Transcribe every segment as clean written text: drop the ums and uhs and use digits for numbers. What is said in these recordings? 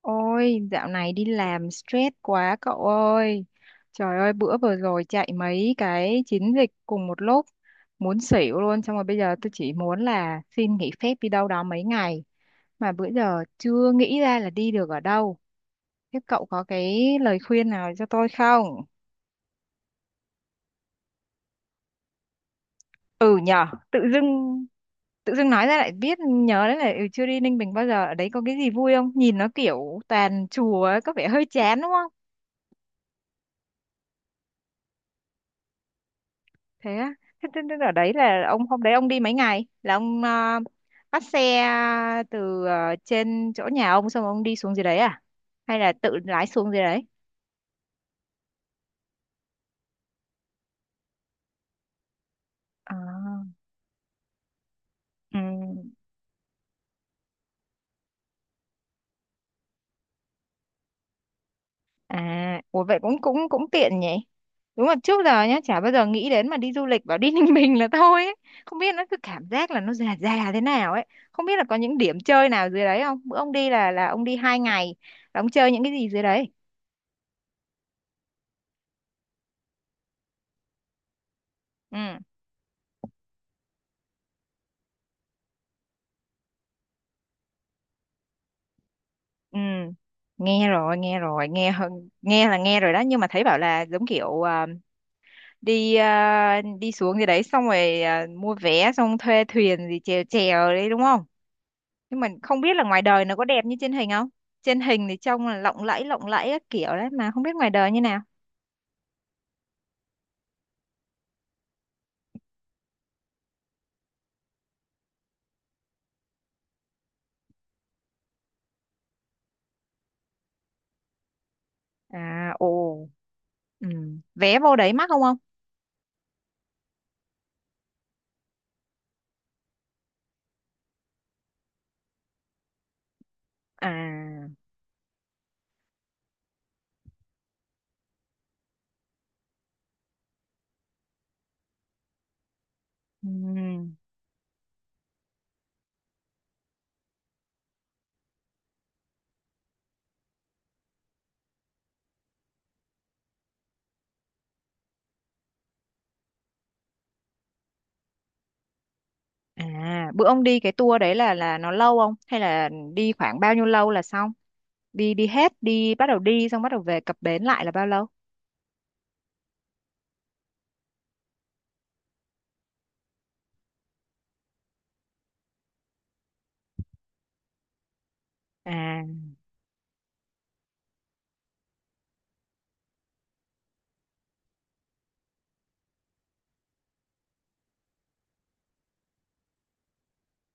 Ôi, dạo này đi làm stress quá cậu ơi. Trời ơi, bữa vừa rồi chạy mấy cái chiến dịch cùng một lúc, muốn xỉu luôn. Xong rồi bây giờ tôi chỉ muốn là xin nghỉ phép đi đâu đó mấy ngày. Mà bữa giờ chưa nghĩ ra là đi được ở đâu. Thế cậu có cái lời khuyên nào cho tôi không? Ừ nhờ, tự dưng nói ra lại biết nhớ đấy là chưa đi Ninh Bình bao giờ. Ở đấy có cái gì vui không? Nhìn nó kiểu toàn chùa ấy, có vẻ hơi chán đúng không? Thế á. Thế ở đấy là ông hôm đấy ông đi mấy ngày là ông bắt xe từ trên chỗ nhà ông, xong ông đi xuống dưới đấy à, hay là tự lái xuống dưới đấy? À, ừ, à, ủa vậy cũng cũng cũng tiện nhỉ. Đúng là trước giờ nhá chả bao giờ nghĩ đến mà đi du lịch, bảo đi Ninh Bình là thôi ấy. Không biết, nó cứ cảm giác là nó già già thế nào ấy. Không biết là có những điểm chơi nào dưới đấy không? Bữa ông đi là ông đi 2 ngày là ông chơi những cái gì dưới đấy? Ừ. Ừ, nghe rồi, nghe rồi, nghe hơn, nghe là nghe rồi đó, nhưng mà thấy bảo là giống kiểu đi, đi xuống gì đấy, xong rồi mua vé xong thuê thuyền gì chèo chèo đấy đúng không? Nhưng mà không biết là ngoài đời nó có đẹp như trên hình không? Trên hình thì trông là lộng lẫy các kiểu đấy, mà không biết ngoài đời như nào. À, ồ. Ừ. Vé vô đấy mắc không ông? À. Ừ. À, bữa ông đi cái tour đấy là nó lâu không? Hay là đi khoảng bao nhiêu lâu là xong? Đi đi hết, đi bắt đầu đi xong bắt đầu về cập bến lại là bao lâu? À.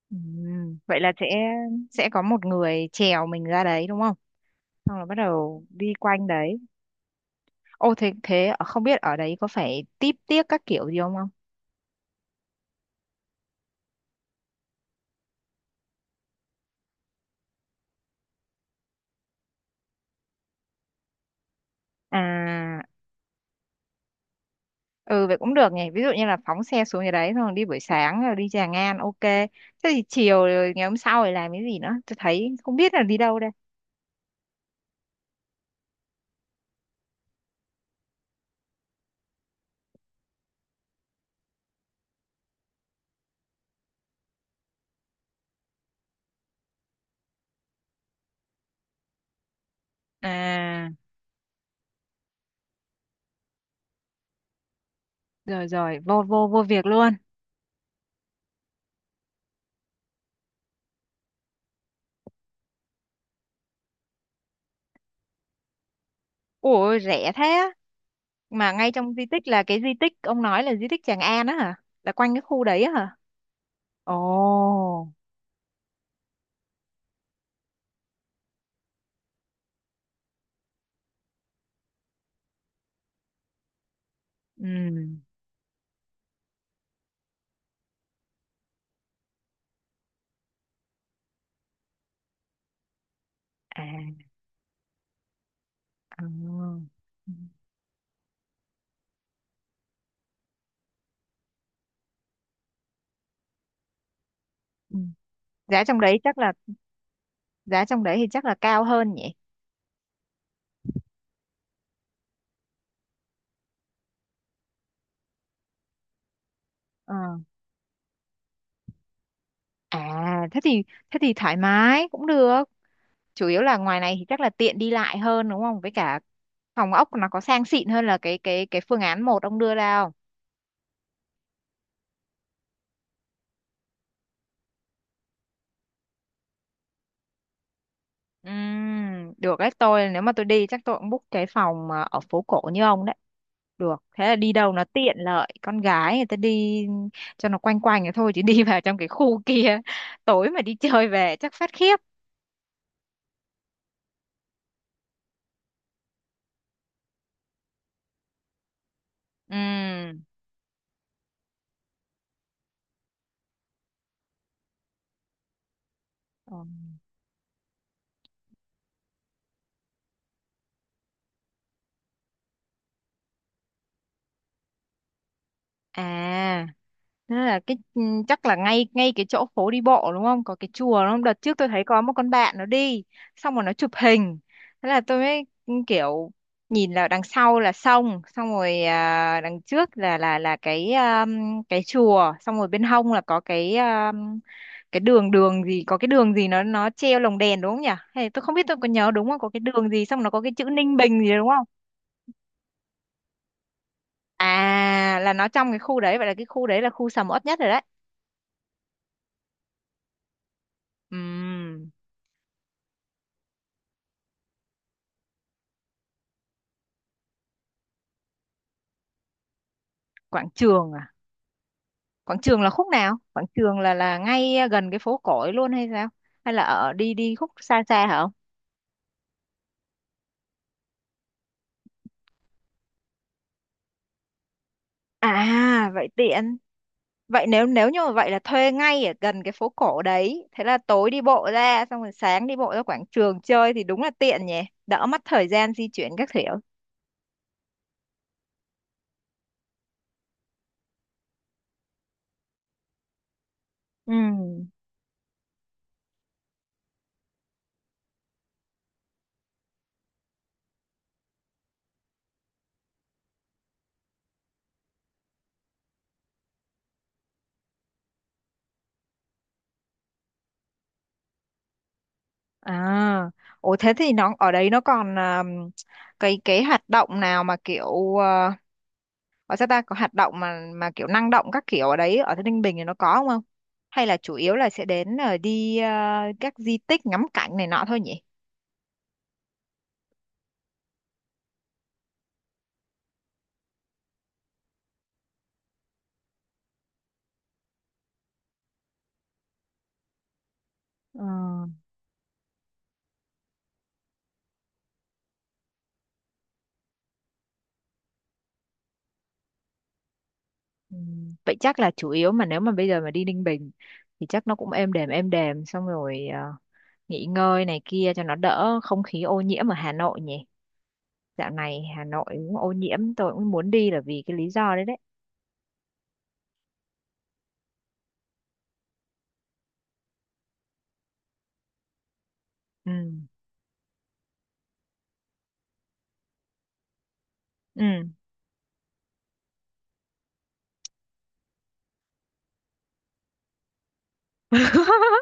Vậy là sẽ có một người chèo mình ra đấy đúng không, xong rồi bắt đầu đi quanh đấy? Ô, thế thế không biết ở đấy có phải típ tiếc các kiểu gì không không? À. Ừ, vậy cũng được nhỉ. Ví dụ như là phóng xe xuống nhà đấy, xong rồi đi buổi sáng rồi đi Tràng An, ok, thế thì chiều rồi ngày hôm sau rồi làm cái gì nữa? Tôi thấy không biết là đi đâu đây. À, rồi rồi, vô vô vô việc luôn. Ủa rẻ thế á. Mà ngay trong di tích là cái di tích ông nói là di tích Tràng An á hả? Là quanh cái khu đấy á hả? Ồ. Ừ. À. Ờ. Ừ. Ừ. Giá trong đấy chắc là giá trong đấy thì chắc là cao hơn nhỉ? Ờ. À thế thì thoải mái cũng được. Chủ yếu là ngoài này thì chắc là tiện đi lại hơn đúng không? Với cả phòng ốc nó có sang xịn hơn là cái phương án một ông đưa ra. Được đấy, tôi nếu mà tôi đi chắc tôi cũng book cái phòng mà ở phố cổ như ông đấy được. Thế là đi đâu nó tiện lợi, con gái người ta đi cho nó quanh quanh vậy thôi, chứ đi vào trong cái khu kia tối mà đi chơi về chắc phát khiếp. Ừm. Ờ. À. Thế là cái chắc là ngay ngay cái chỗ phố đi bộ đúng không? Có cái chùa đúng không? Đợt trước tôi thấy có một con bạn nó đi, xong rồi nó chụp hình. Thế là tôi mới kiểu nhìn là đằng sau là sông, xong rồi đằng trước là cái chùa, xong rồi bên hông là có cái đường đường gì, có cái đường gì nó treo lồng đèn đúng không nhỉ? Hay tôi không biết, tôi có nhớ đúng không? Có cái đường gì xong nó có cái chữ Ninh Bình gì đúng không? À, là nó trong cái khu đấy, vậy là cái khu đấy là khu sầm uất nhất rồi đấy. Ừm. Quảng trường à? Quảng trường là khúc nào? Quảng trường là ngay gần cái phố cổ ấy luôn hay sao? Hay là ở đi đi khúc xa xa hả ông? À, vậy tiện. Vậy nếu nếu như mà vậy là thuê ngay ở gần cái phố cổ đấy, thế là tối đi bộ ra xong rồi sáng đi bộ ra quảng trường chơi thì đúng là tiện nhỉ, đỡ mất thời gian di chuyển các kiểu. Ừ. À, ồ, thế thì nó ở đấy nó còn cái hoạt động nào mà kiểu ở sao ta, có hoạt động mà kiểu năng động các kiểu ở đấy ở thế Ninh Bình thì nó có không không? Hay là chủ yếu là sẽ đến đi các di tích ngắm cảnh này nọ thôi nhỉ? Ờ, vậy chắc là chủ yếu mà nếu mà bây giờ mà đi Ninh Bình thì chắc nó cũng êm đềm êm đềm, xong rồi nghỉ ngơi này kia cho nó đỡ không khí ô nhiễm ở Hà Nội nhỉ? Dạo này Hà Nội cũng ô nhiễm, tôi cũng muốn đi là vì cái lý do đấy đấy. Ừ. Ừ.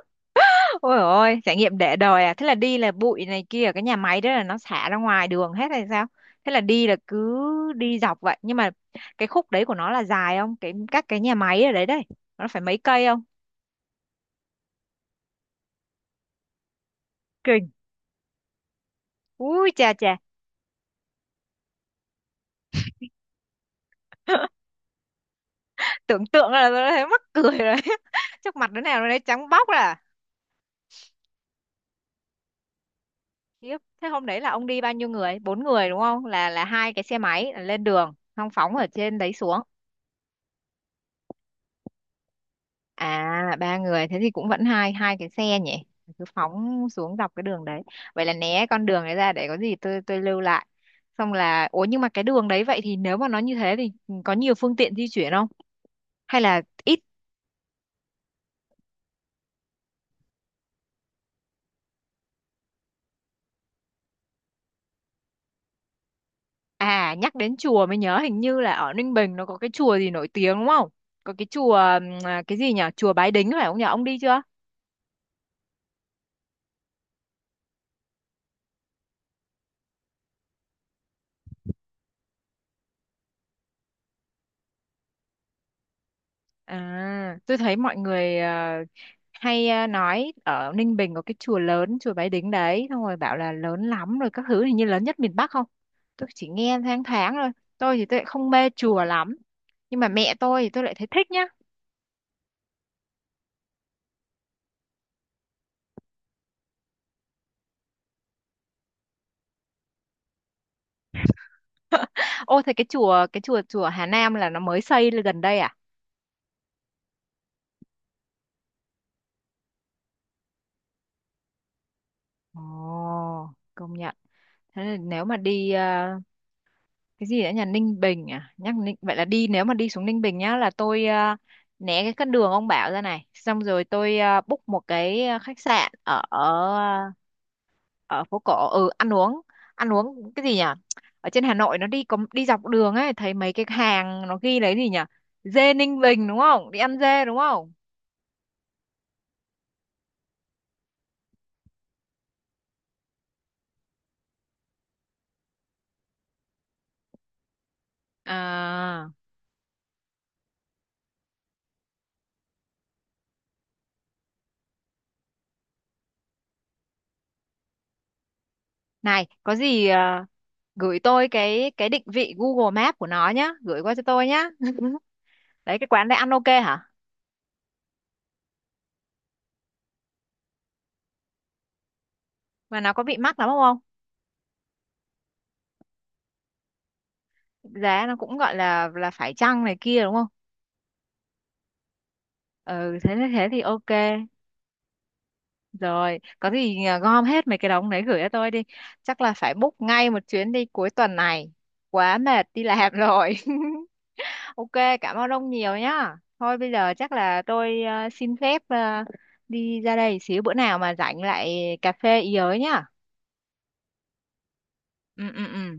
Ôi ôi, trải nghiệm để đời à? Thế là đi là bụi này kia, ở cái nhà máy đó là nó xả ra ngoài đường hết hay sao? Thế là đi là cứ đi dọc vậy. Nhưng mà cái khúc đấy của nó là dài không? Các cái nhà máy ở đấy đấy, nó phải mấy cây không? Kinh. Ui chà chà, tưởng tượng là tôi đã thấy mắc cười rồi. Chắc mặt đứa nào nó đấy trắng bóc ra. À. Thế hôm đấy là ông đi bao nhiêu người? Bốn người đúng không? Là hai cái xe máy là lên đường, xong phóng ở trên đấy xuống. À, ba người thế thì cũng vẫn hai hai cái xe nhỉ. Cứ phóng xuống dọc cái đường đấy. Vậy là né con đường đấy ra, để có gì tôi lưu lại. Xong là ủa nhưng mà cái đường đấy vậy, thì nếu mà nó như thế thì có nhiều phương tiện di chuyển không? Hay là ít? À, nhắc đến chùa mới nhớ, hình như là ở Ninh Bình nó có cái chùa gì nổi tiếng đúng không? Có cái chùa cái gì nhỉ? Chùa Bái Đính phải không nhỉ? Ông đi chưa? À, tôi thấy mọi người hay nói ở Ninh Bình có cái chùa lớn, chùa Bái Đính đấy, xong rồi bảo là lớn lắm rồi các thứ, hình như lớn nhất miền Bắc không? Tôi chỉ nghe thoáng thoáng thôi. Tôi thì tôi lại không mê chùa lắm. Nhưng mà mẹ tôi thì tôi lại thấy thích nhá. Ô, thế cái chùa, chùa Hà Nam là nó mới xây lên gần đây à? Ồ, công nhận. Thế là nếu mà đi cái gì đã, nhà Ninh Bình, à, nhắc Ninh, vậy là đi nếu mà đi xuống Ninh Bình nhá là tôi né cái con đường ông bảo ra này, xong rồi tôi book một cái khách sạn ở ở ở phố cổ. Ừ, ăn uống, ăn uống cái gì nhỉ? Ở trên Hà Nội nó đi có đi dọc đường ấy, thấy mấy cái hàng nó ghi lấy gì nhỉ, dê Ninh Bình đúng không, đi ăn dê đúng không? À, này có gì gửi tôi cái định vị Google Maps của nó nhá, gửi qua cho tôi nhá. Đấy, cái quán đấy ăn ok hả? Mà nó có bị mắc lắm không? Giá nó cũng gọi là phải chăng này kia đúng không? Ừ, thế thế thì ok. Rồi, có gì gom hết mấy cái đống đấy gửi cho tôi đi. Chắc là phải book ngay một chuyến đi cuối tuần này, quá mệt đi làm rồi. Ok, cảm ơn ông nhiều nhá. Thôi bây giờ chắc là tôi xin phép đi ra đây xíu, bữa nào mà rảnh lại cà phê ý ới nhá. Ừ, ừ, ừ.